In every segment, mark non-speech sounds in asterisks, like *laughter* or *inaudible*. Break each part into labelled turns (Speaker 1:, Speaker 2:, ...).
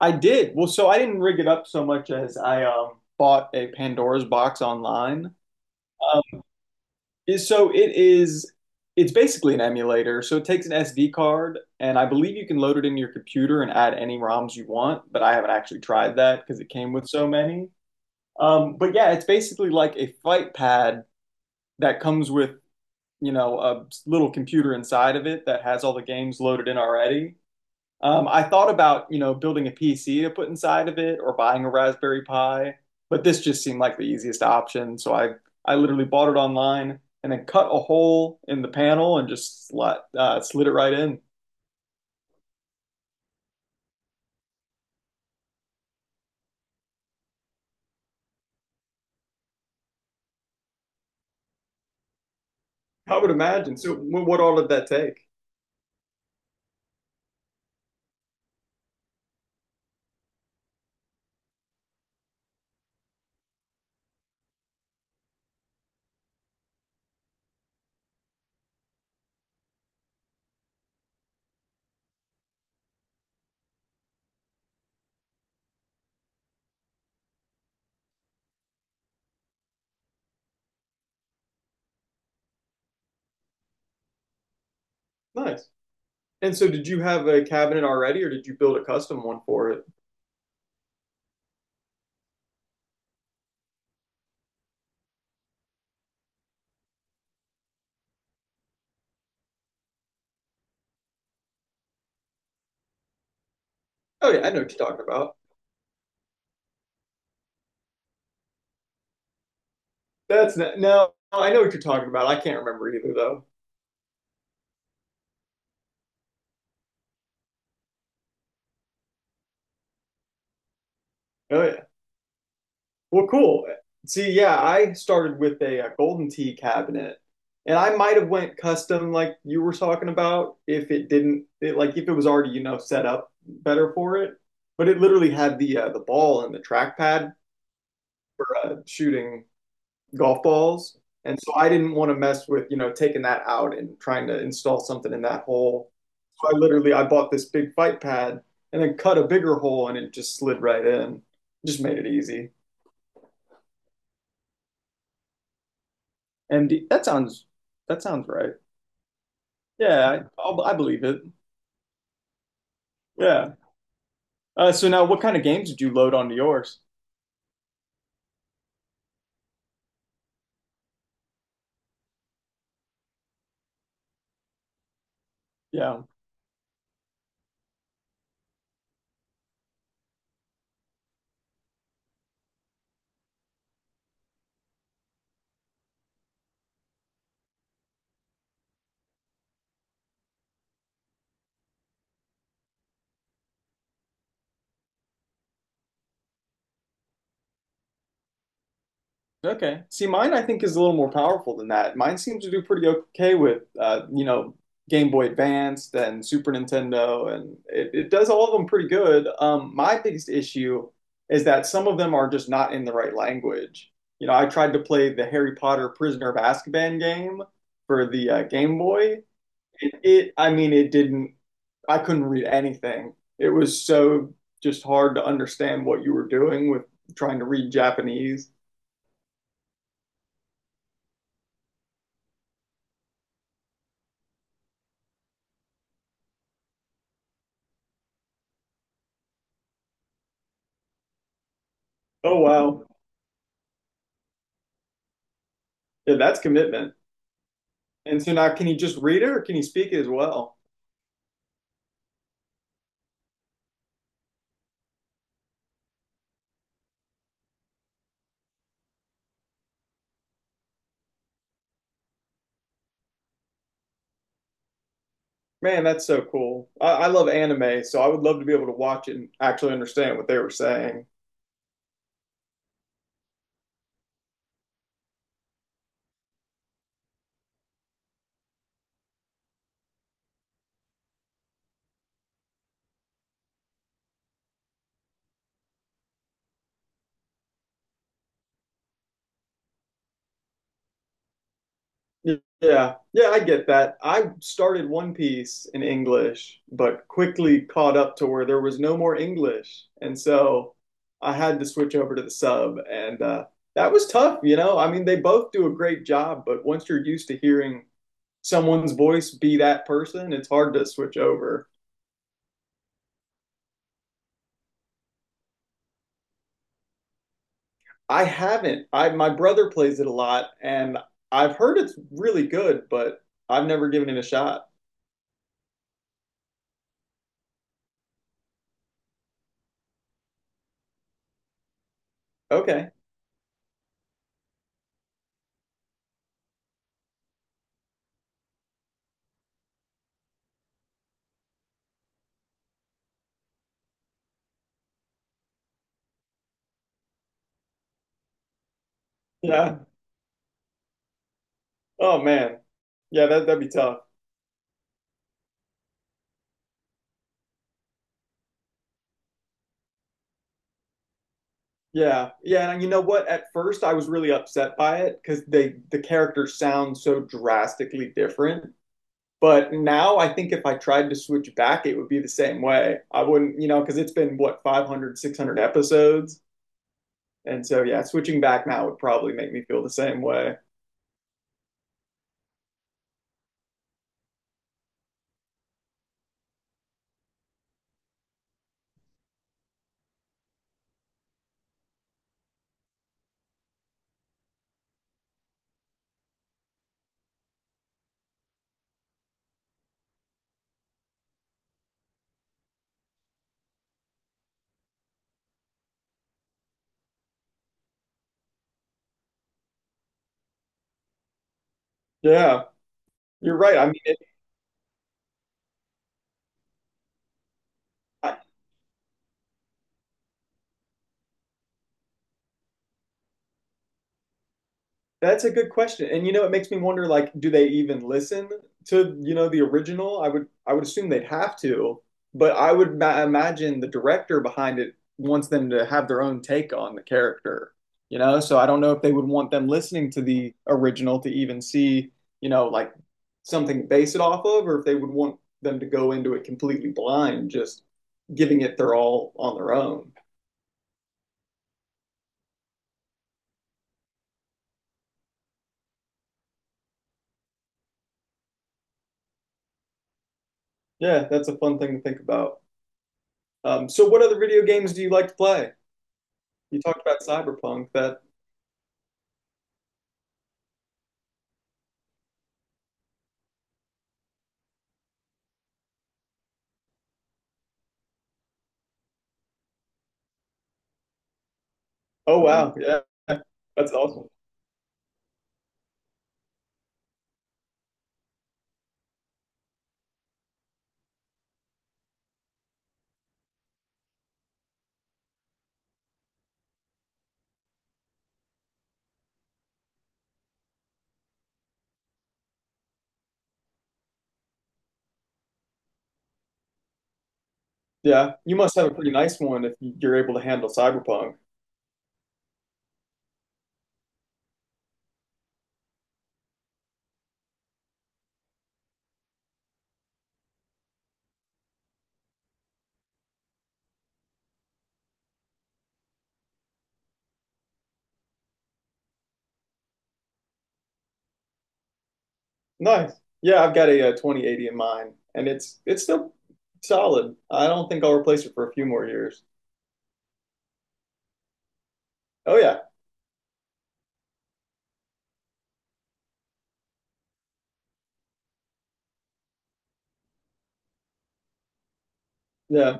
Speaker 1: I did. Well, so I didn't rig it up so much as I bought a Pandora's box online. Um, so it's basically an emulator. So it takes an SD card, and I believe you can load it in your computer and add any ROMs you want, but I haven't actually tried that because it came with so many. But yeah, it's basically like a fight pad that comes with, you know, a little computer inside of it that has all the games loaded in already. I thought about, you know, building a PC to put inside of it or buying a Raspberry Pi, but this just seemed like the easiest option. So I literally bought it online and then cut a hole in the panel and just slid it right in. I would imagine. So what all did that take? Nice. And so did you have a cabinet already or did you build a custom one for it? Oh yeah, I know what you're talking about. That's not, no, I know what you're talking about. I can't remember either though. Oh yeah. Well, cool. See, yeah, I started with golden tea cabinet, and I might have went custom like you were talking about if it didn't it, like if it was already, you know, set up better for it. But it literally had the ball and the trackpad for shooting golf balls, and so I didn't want to mess with, you know, taking that out and trying to install something in that hole. So I literally I bought this big fight pad and then cut a bigger hole and it just slid right in. Just made it easy. MD. That sounds right. I believe it. Yeah. So now, what kind of games did you load onto yours? Yeah. Okay. See, mine I think is a little more powerful than that. Mine seems to do pretty okay with you know, Game Boy Advanced and Super Nintendo, and it does all of them pretty good. My biggest issue is that some of them are just not in the right language. You know, I tried to play the Harry Potter Prisoner of Azkaban game for the Game Boy. I mean, it didn't, I couldn't read anything. It was so just hard to understand what you were doing with trying to read Japanese. Oh, wow. Yeah, that's commitment. And so now, can he just read it or can he speak it as well? Man, that's so cool. I love anime, so I would love to be able to watch it and actually understand what they were saying. Yeah, yeah, I get that. I started One Piece in English, but quickly caught up to where there was no more English. And so I had to switch over to the sub. And That was tough, you know? I mean, they both do a great job, but once you're used to hearing someone's voice be that person, it's hard to switch over. I haven't. I, my brother plays it a lot, and I've heard it's really good, but I've never given it a shot. Okay. Yeah. Oh man. Yeah, that that'd be tough. Yeah, yeah, and you know what? At first, I was really upset by it because they, the characters sound so drastically different. But now, I think if I tried to switch back, it would be the same way. I wouldn't, you know, because it's been what, 500, 600 episodes, and so yeah, switching back now would probably make me feel the same way. Yeah, you're right. That's a good question. And you know, it makes me wonder, like, do they even listen to, you know, the original? I would assume they'd have to, but I would ma imagine the director behind it wants them to have their own take on the character, you know? So I don't know if they would want them listening to the original to even see, you know, like something to base it off of, or if they would want them to go into it completely blind, just giving it their all on their own. Yeah, that's a fun thing to think about. So what other video games do you like to play? You talked about Cyberpunk. That, oh wow, yeah, that's awesome. Yeah, you must have a pretty nice one if you're able to handle Cyberpunk. Nice. Yeah, I've got 2080 in mine, and it's still solid. I don't think I'll replace it for a few more years. Oh yeah, yeah.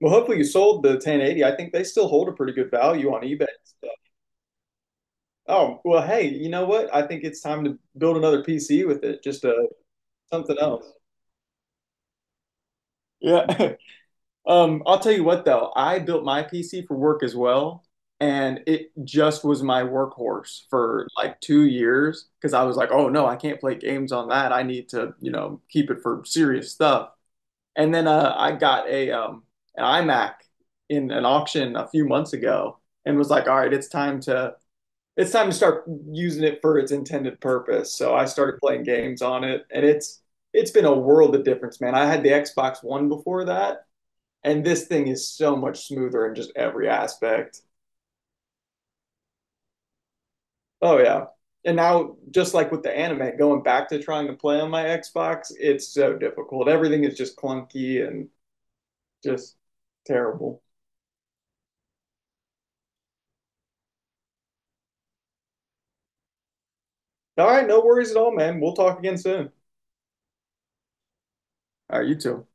Speaker 1: Well, hopefully you sold the 1080. I think they still hold a pretty good value on eBay and stuff. Oh well, hey, you know what? I think it's time to build another PC with it, just something else. Yeah, *laughs* I'll tell you what though, I built my PC for work as well, and it just was my workhorse for like two years because I was like, oh no, I can't play games on that. I need to, you know, keep it for serious stuff. And then I got a an iMac in an auction a few months ago and was like, all right, it's time to start using it for its intended purpose. So I started playing games on it, and it's been a world of difference, man. I had the Xbox One before that and this thing is so much smoother in just every aspect. Oh yeah. And now just like with the anime, going back to trying to play on my Xbox, it's so difficult. Everything is just clunky and just terrible. All right, no worries at all, man. We'll talk again soon. All right, you too.